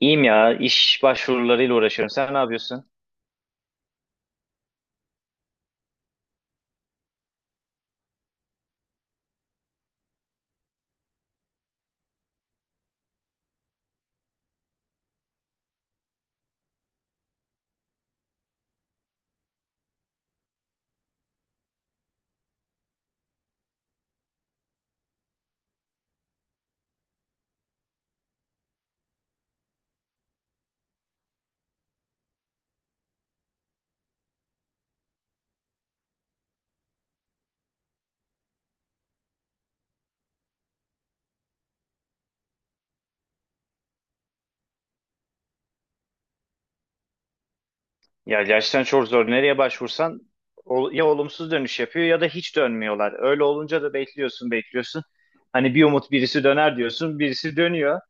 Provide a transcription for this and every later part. İyiyim ya. İş başvurularıyla uğraşıyorum. Sen ne yapıyorsun? Ya gerçekten çok zor. Nereye başvursan ya olumsuz dönüş yapıyor ya da hiç dönmüyorlar. Öyle olunca da bekliyorsun, bekliyorsun. Hani bir umut birisi döner diyorsun, birisi dönüyor.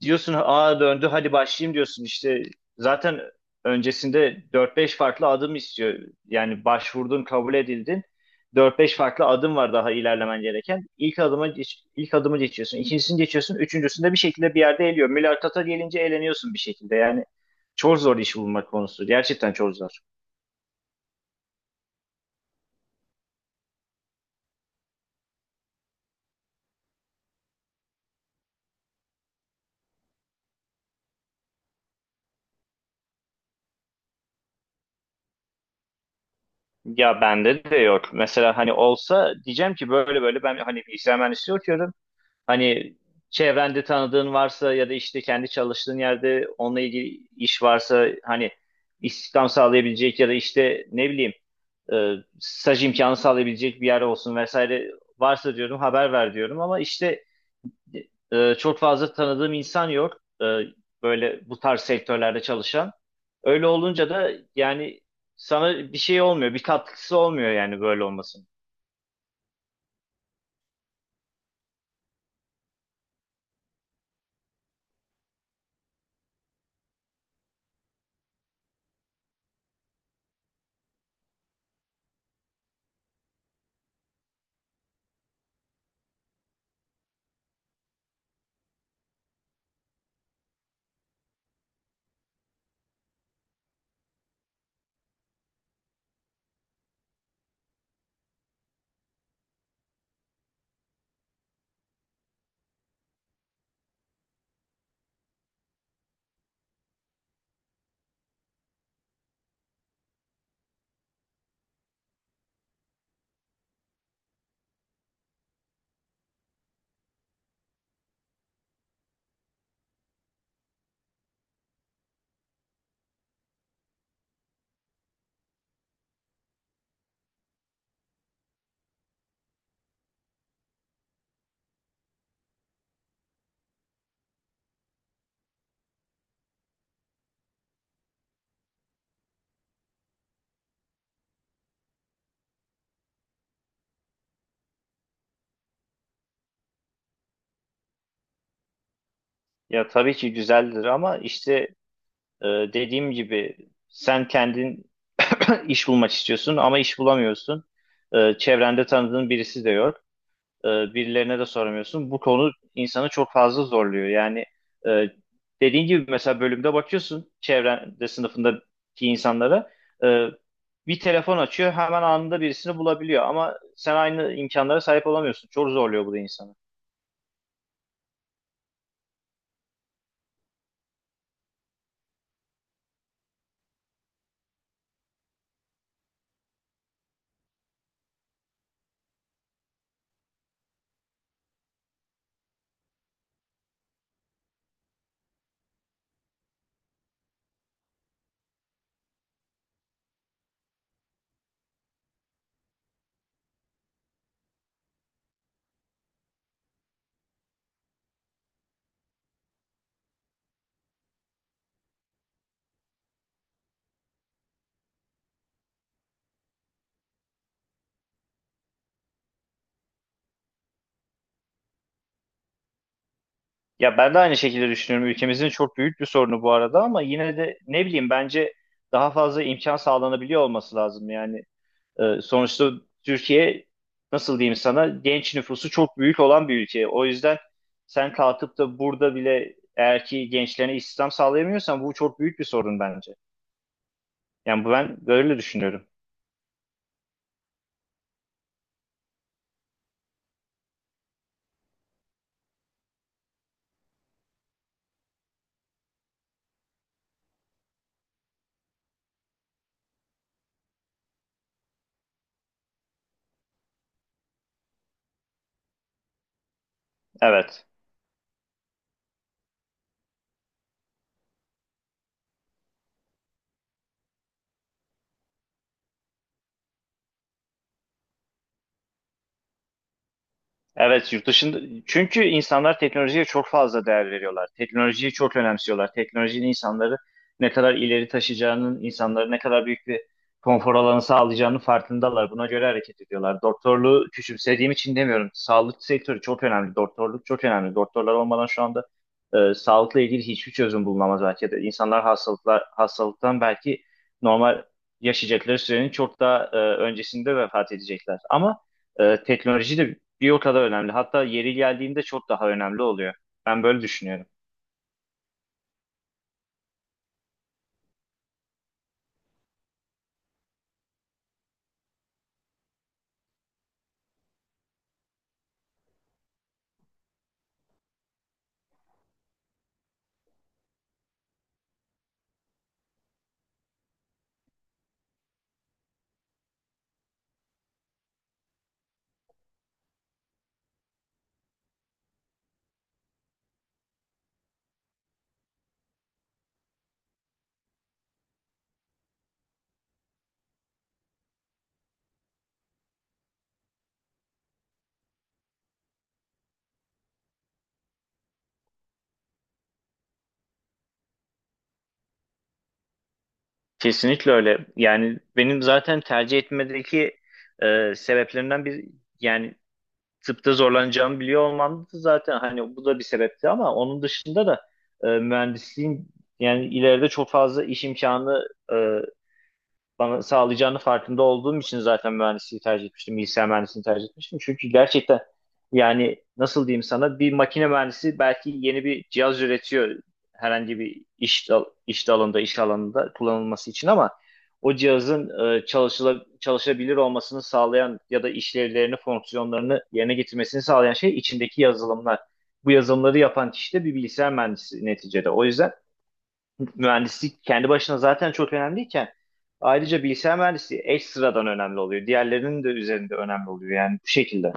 Diyorsun A döndü hadi başlayayım diyorsun, işte zaten öncesinde dört beş farklı adım istiyor. Yani başvurdun, kabul edildin. Dört beş farklı adım var daha ilerlemen gereken. İlk adımı geçiyorsun, ikincisini geçiyorsun. Üçüncüsünde bir şekilde bir yerde eliyor. Mülakata gelince eleniyorsun bir şekilde. Yani çok zor iş bulmak konusu. Gerçekten çok zor. Ya bende de yok. Mesela hani olsa diyeceğim ki böyle böyle ben hani bilgisayar mühendisliği okuyorum. Hani çevrende tanıdığın varsa ya da işte kendi çalıştığın yerde onunla ilgili iş varsa, hani istihdam sağlayabilecek ya da işte ne bileyim, staj imkanı sağlayabilecek bir yer olsun vesaire, varsa diyorum haber ver diyorum, ama işte çok fazla tanıdığım insan yok, böyle bu tarz sektörlerde çalışan. Öyle olunca da yani sana bir şey olmuyor, bir katkısı olmuyor, yani böyle olmasın. Ya tabii ki güzeldir ama işte, Ee, dediğim gibi sen kendin iş bulmak istiyorsun ama iş bulamıyorsun. Çevrende tanıdığın birisi de yok. Ee, Birilerine de soramıyorsun. Bu konu insanı çok fazla zorluyor. Yani e, dediğin gibi mesela bölümde bakıyorsun, çevrende sınıfındaki insanlara e, bir telefon açıyor, hemen anında birisini bulabiliyor, ama sen aynı imkanlara sahip olamıyorsun. Çok zorluyor bu da insanı. Ya ben de aynı şekilde düşünüyorum. Ülkemizin çok büyük bir sorunu bu arada, ama yine de ne bileyim, bence daha fazla imkan sağlanabiliyor olması lazım. Yani sonuçta Türkiye, nasıl diyeyim sana, genç nüfusu çok büyük olan bir ülke. O yüzden sen kalkıp da burada bile eğer ki gençlerine istihdam sağlayamıyorsan bu çok büyük bir sorun bence. Yani ben böyle düşünüyorum. Evet. Evet, yurt dışında, çünkü insanlar teknolojiye çok fazla değer veriyorlar. Teknolojiyi çok önemsiyorlar. Teknolojinin insanları ne kadar ileri taşıyacağının, insanları ne kadar büyük bir konfor alanı sağlayacağının farkındalar. Buna göre hareket ediyorlar. Doktorluğu küçümsediğim için demiyorum. Sağlık sektörü çok önemli. Doktorluk çok önemli. Doktorlar olmadan şu anda sağlıkla ilgili hiçbir çözüm bulunamaz belki de. İnsanlar hastalıklar hastalıktan belki normal yaşayacakları sürenin çok daha öncesinde vefat edecekler. Ama teknoloji de bir o kadar önemli. Hatta yeri geldiğinde çok daha önemli oluyor. Ben böyle düşünüyorum. Kesinlikle öyle. Yani benim zaten tercih etmedeki sebeplerinden bir, yani tıpta zorlanacağımı biliyor olmam da zaten, hani bu da bir sebepti, ama onun dışında da mühendisliğin yani ileride çok fazla iş imkanı bana sağlayacağını farkında olduğum için zaten mühendisliği tercih etmiştim. Bilgisayar mühendisliğini tercih etmiştim. Çünkü gerçekten yani nasıl diyeyim sana, bir makine mühendisi belki yeni bir cihaz üretiyor herhangi bir iş dalında, iş alanında kullanılması için, ama o cihazın çalışabilir olmasını sağlayan ya da işlevlerini, fonksiyonlarını yerine getirmesini sağlayan şey içindeki yazılımlar. Bu yazılımları yapan kişi de bir bilgisayar mühendisi neticede. O yüzden mühendislik kendi başına zaten çok önemliyken, ayrıca bilgisayar mühendisliği eş sıradan önemli oluyor. Diğerlerinin de üzerinde önemli oluyor yani, bu şekilde.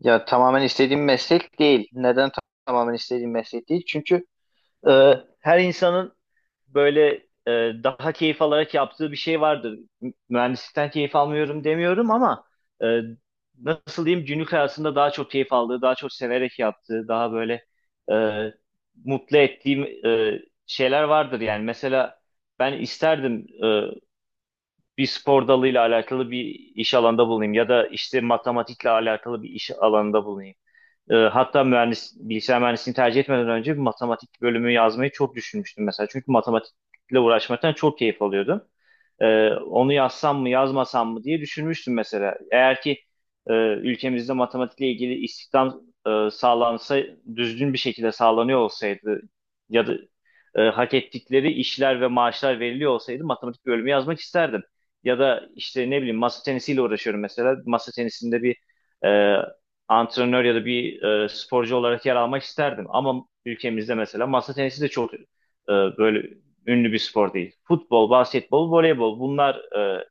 Ya tamamen istediğim meslek değil. Neden tamamen istediğim meslek değil? Çünkü her insanın böyle e, daha keyif alarak yaptığı bir şey vardır. Mühendislikten keyif almıyorum demiyorum, ama e, nasıl diyeyim, günlük hayatında daha çok keyif aldığı, daha çok severek yaptığı, daha böyle e, mutlu ettiğim şeyler vardır yani. Mesela ben isterdim bir spor dalıyla alakalı bir iş alanında bulunayım, ya da işte matematikle alakalı bir iş alanında bulunayım. Hatta bilgisayar mühendisliğini tercih etmeden önce bir matematik bölümü yazmayı çok düşünmüştüm mesela. Çünkü matematikle uğraşmaktan çok keyif alıyordum. Onu yazsam mı yazmasam mı diye düşünmüştüm mesela. Eğer ki ülkemizde matematikle ilgili istihdam sağlansa, düzgün bir şekilde sağlanıyor olsaydı, ya da hak ettikleri işler ve maaşlar veriliyor olsaydı matematik bölümü yazmak isterdim. Ya da işte ne bileyim, masa tenisiyle uğraşıyorum mesela. Masa tenisinde bir e, antrenör ya da bir sporcu olarak yer almak isterdim. Ama ülkemizde mesela masa tenisi de çok böyle ünlü bir spor değil. Futbol, basketbol, voleybol bunlar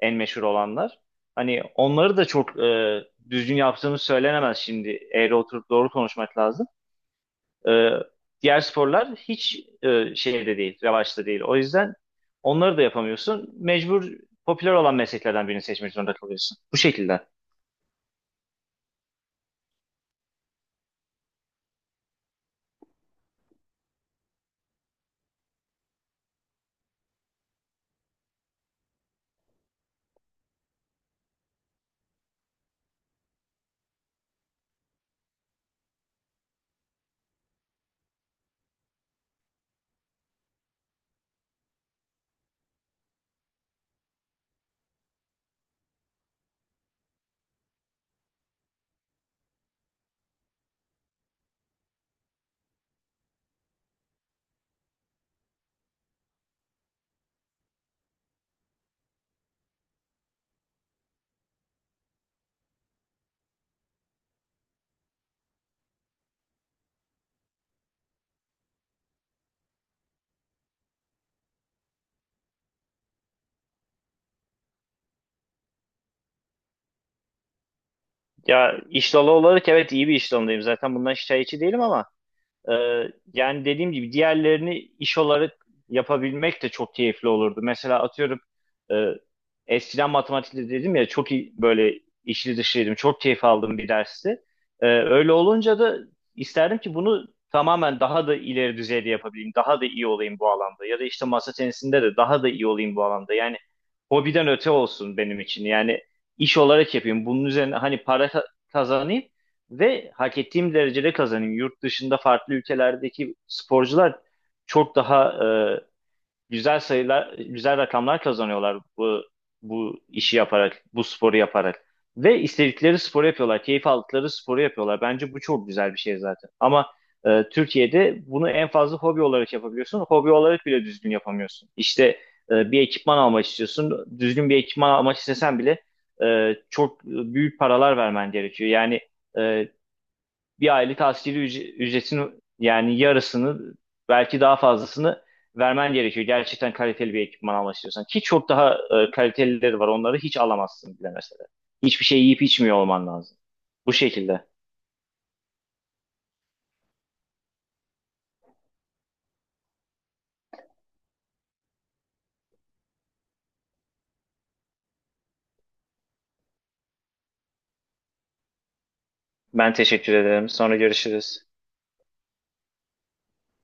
en meşhur olanlar. Hani onları da çok düzgün yaptığımız söylenemez şimdi. Eğri oturup doğru konuşmak lazım. E, Diğer sporlar hiç e, şeyde değil, revaçta değil. O yüzden onları da yapamıyorsun. Mecbur popüler olan mesleklerden birini seçmek zorunda kalıyorsun. Bu şekilde. Ya iş dalı olarak evet, iyi bir iş dalındayım. Zaten bundan şikayetçi değilim, ama Ee, yani dediğim gibi diğerlerini iş olarak yapabilmek de çok keyifli olurdu. Mesela atıyorum e, eskiden matematikte dedim ya, çok iyi böyle içli dışlıydım. Çok keyif aldım bir dersi. Öyle olunca da isterdim ki bunu tamamen daha da ileri düzeyde yapabileyim. Daha da iyi olayım bu alanda. Ya da işte masa tenisinde de daha da iyi olayım bu alanda. Yani hobiden öte olsun benim için. Yani iş olarak yapayım. Bunun üzerine hani kazanayım. Ve hak ettiğim derecede kazanayım. Yurt dışında farklı ülkelerdeki sporcular çok daha e, güzel sayılar, güzel rakamlar kazanıyorlar bu işi yaparak, bu sporu yaparak. Ve istedikleri sporu yapıyorlar, keyif aldıkları sporu yapıyorlar. Bence bu çok güzel bir şey zaten. Ama Türkiye'de bunu en fazla hobi olarak yapabiliyorsun. Hobi olarak bile düzgün yapamıyorsun. İşte bir ekipman almak istiyorsun. Düzgün bir ekipman almak istesen bile çok büyük paralar vermen gerekiyor. Yani e, bir aylık ücretin yani yarısını, belki daha fazlasını vermen gerekiyor. Gerçekten kaliteli bir ekipman almak istiyorsan. Ki çok daha kalitelileri var. Onları hiç alamazsın bile mesela. Hiçbir şey yiyip içmiyor olman lazım. Bu şekilde. Ben teşekkür ederim. Sonra görüşürüz.